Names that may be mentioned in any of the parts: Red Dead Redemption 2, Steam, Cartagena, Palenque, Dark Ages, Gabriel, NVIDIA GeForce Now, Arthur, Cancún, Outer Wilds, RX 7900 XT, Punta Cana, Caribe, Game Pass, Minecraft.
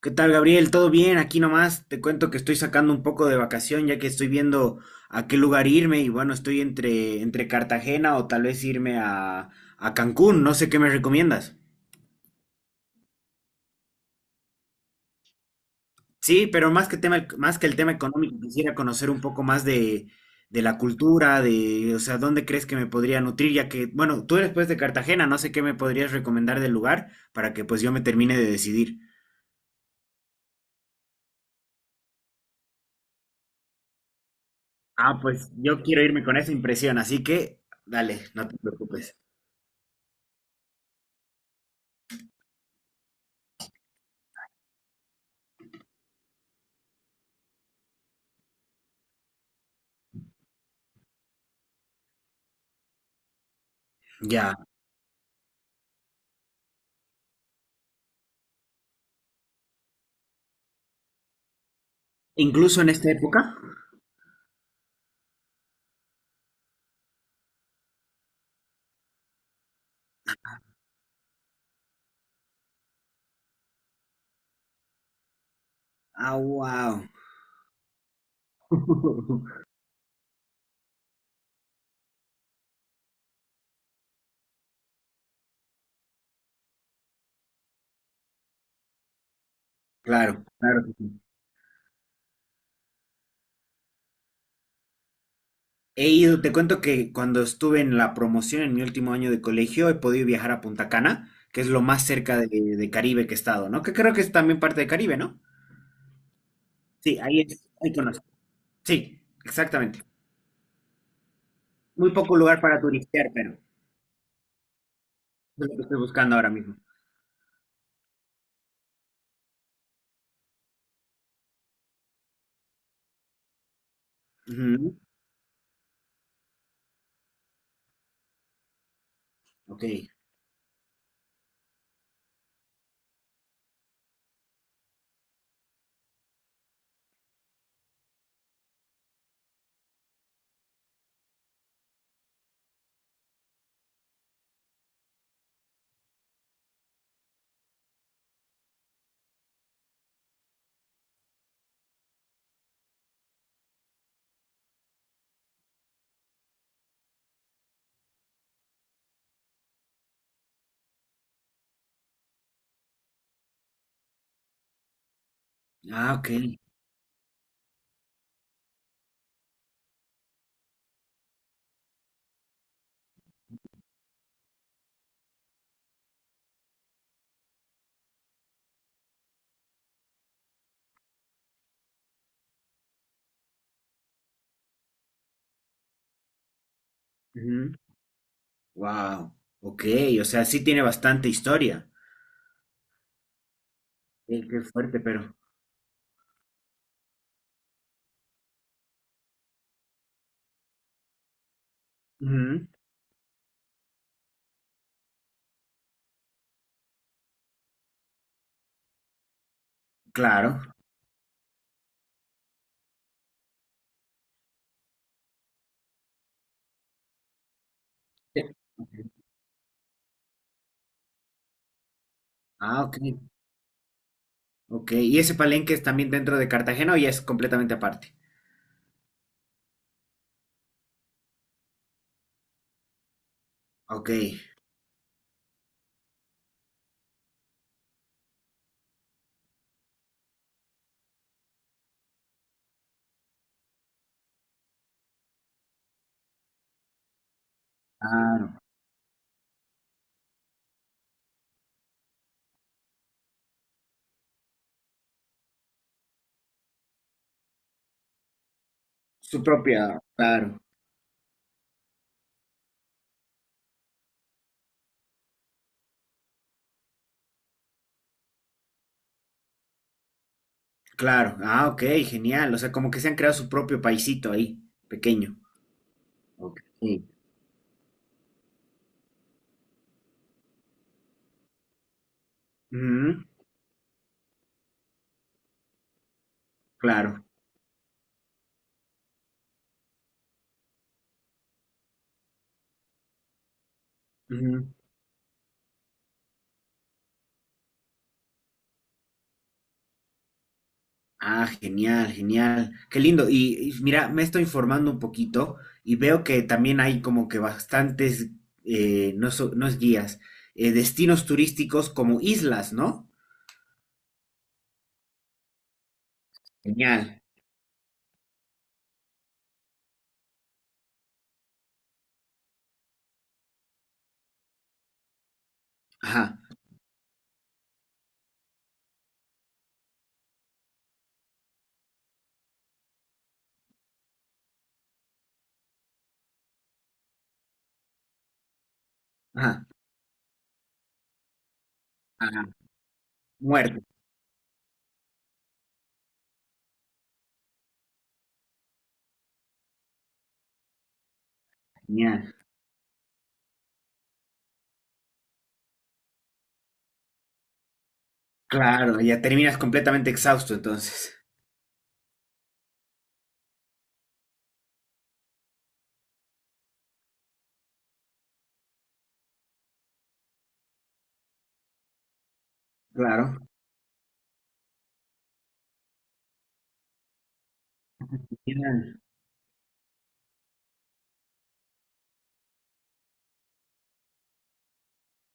¿Qué tal, Gabriel? ¿Todo bien? Aquí nomás te cuento que estoy sacando un poco de vacación ya que estoy viendo a qué lugar irme y bueno, estoy entre Cartagena o tal vez irme a Cancún, no sé qué me recomiendas. Sí, pero más que tema, más que el tema económico, quisiera conocer un poco más de la cultura, de, o sea, dónde crees que me podría nutrir, ya que, bueno, tú eres pues de Cartagena, no sé qué me podrías recomendar del lugar para que pues yo me termine de decidir. Ah, pues yo quiero irme con esa impresión, así que dale, no te preocupes. Ya. Incluso en esta época. Ah, wow. Claro, claro, que sí. He ido, te cuento que cuando estuve en la promoción en mi último año de colegio, he podido viajar a Punta Cana, que es lo más cerca de Caribe que he estado, ¿no? Que creo que es también parte de Caribe, ¿no? Sí, ahí es, ahí conozco. Sí, exactamente. Muy poco lugar para turistear, pero es lo que estoy buscando ahora mismo. Ujú. Ok. Ah, ok. Wow. Ok, o sea, sí tiene bastante historia. Qué fuerte, pero. Ujú. Claro. Sí. Ok. Ah, ok, ok. ¿Y ese palenque es también dentro de Cartagena o ya es completamente aparte? Ok, claro. Su propia, claro, claro. Ah, ok, genial. O sea, como que se han creado su propio paisito ahí, pequeño. Ok. Ujú, claro. Ujú. Ah, genial, genial. Qué lindo. Y mira, me estoy informando un poquito y veo que también hay como que bastantes, no, so- no es guías, destinos turísticos como islas, ¿no? Genial. Ajá. Ajá, ajá, muerto. Genial. Claro, ya terminas completamente exhausto entonces. Claro. Genial,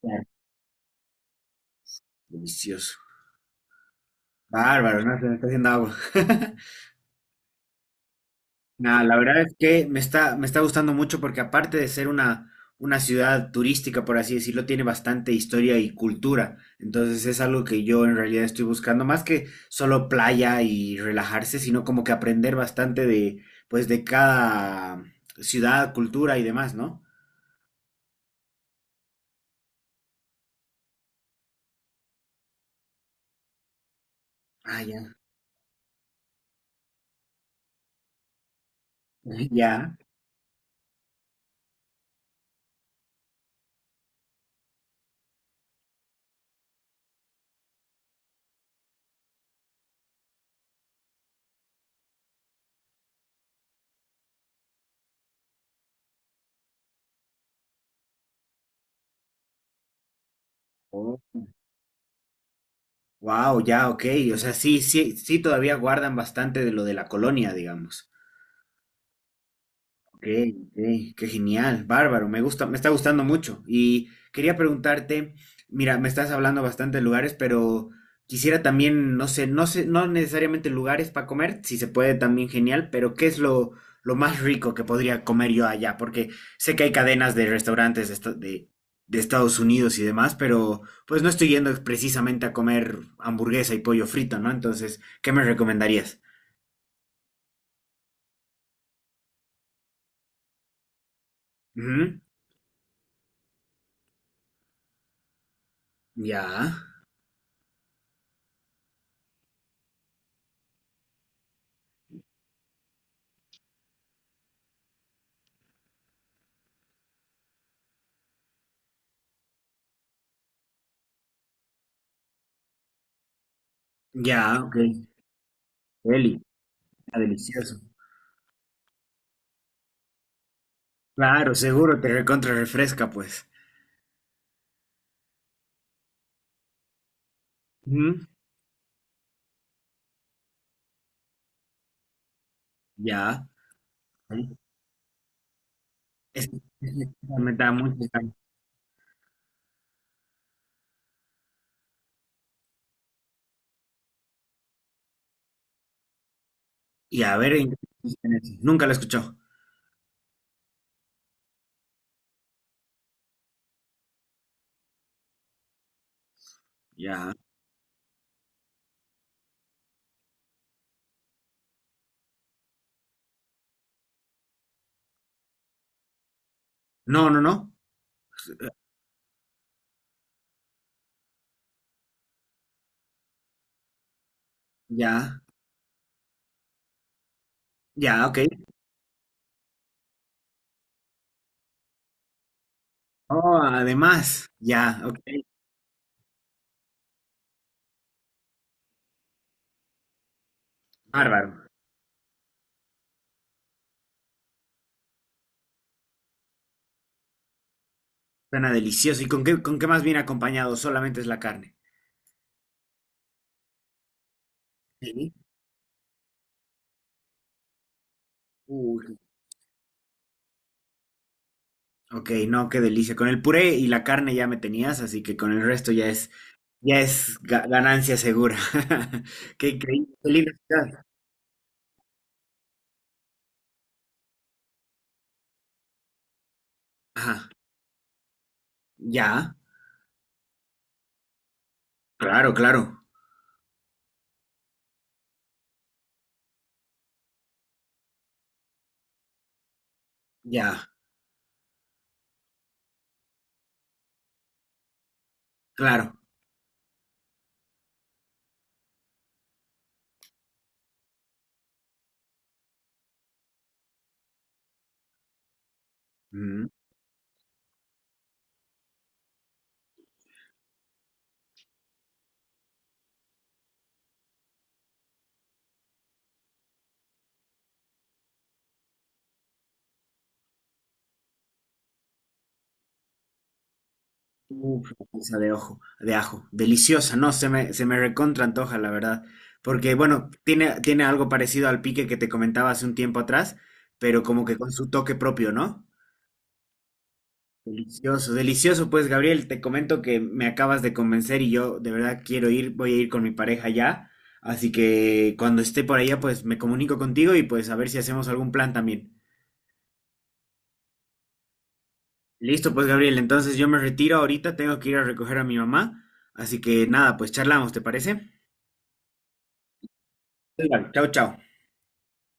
claro. Delicioso. Bárbaro, ¿no? Se me está haciendo agua. Nada, la verdad es que me está gustando mucho porque aparte de ser una ciudad turística, por así decirlo, tiene bastante historia y cultura. Entonces es algo que yo en realidad estoy buscando, más que solo playa y relajarse, sino como que aprender bastante de, pues, de cada ciudad, cultura y demás, ¿no? Ah, ya. Ya. Oh. Wow, ya, ok. O sea, sí, sí, sí, todavía guardan bastante de lo de la colonia, digamos. Okay, ok, qué genial, bárbaro, me gusta, me está gustando mucho. Y quería preguntarte, mira, me estás hablando bastante de lugares, pero quisiera también, no sé, no sé, no necesariamente lugares para comer, si se puede también genial, pero ¿qué es lo más rico que podría comer yo allá? Porque sé que hay cadenas de restaurantes de, esta- de Estados Unidos y demás, pero pues no estoy yendo precisamente a comer hamburguesa y pollo frito, ¿no? Entonces, ¿qué me recomendarías? Ujú. Ya, ya, ok. Deli. Está delicioso. Claro, seguro te recontra refresca, pues. Ujú. Ya. Es- es- me da mucho- Y a ver, ¿en qué consiste? Nunca lo escuchó. Ya. No, no, no. Ya. Ya, ok. Oh, además. Ya, ok. Bárbaro. Suena delicioso. ¿Y con qué más viene acompañado? Solamente es la carne. Sí. Uy. Ok, no, qué delicia. Con el puré y la carne ya me tenías, así que con el resto ya es ga- ganancia segura. Qué increíble. Qué linda ciudad. Ajá, ya, claro, claro, ya, claro. Mm. Uf, la salsa de ojo, de ajo, deliciosa, no, se me recontra antoja, la verdad. Porque, bueno, tiene, tiene algo parecido al pique que te comentaba hace un tiempo atrás, pero como que con su toque propio, ¿no? Delicioso, delicioso, pues, Gabriel, te comento que me acabas de convencer y yo de verdad quiero ir, voy a ir con mi pareja ya. Así que cuando esté por allá, pues me comunico contigo y pues a ver si hacemos algún plan también. Listo, pues Gabriel, entonces yo me retiro ahorita, tengo que ir a recoger a mi mamá, así que nada, pues charlamos, ¿te parece? Chao, chao.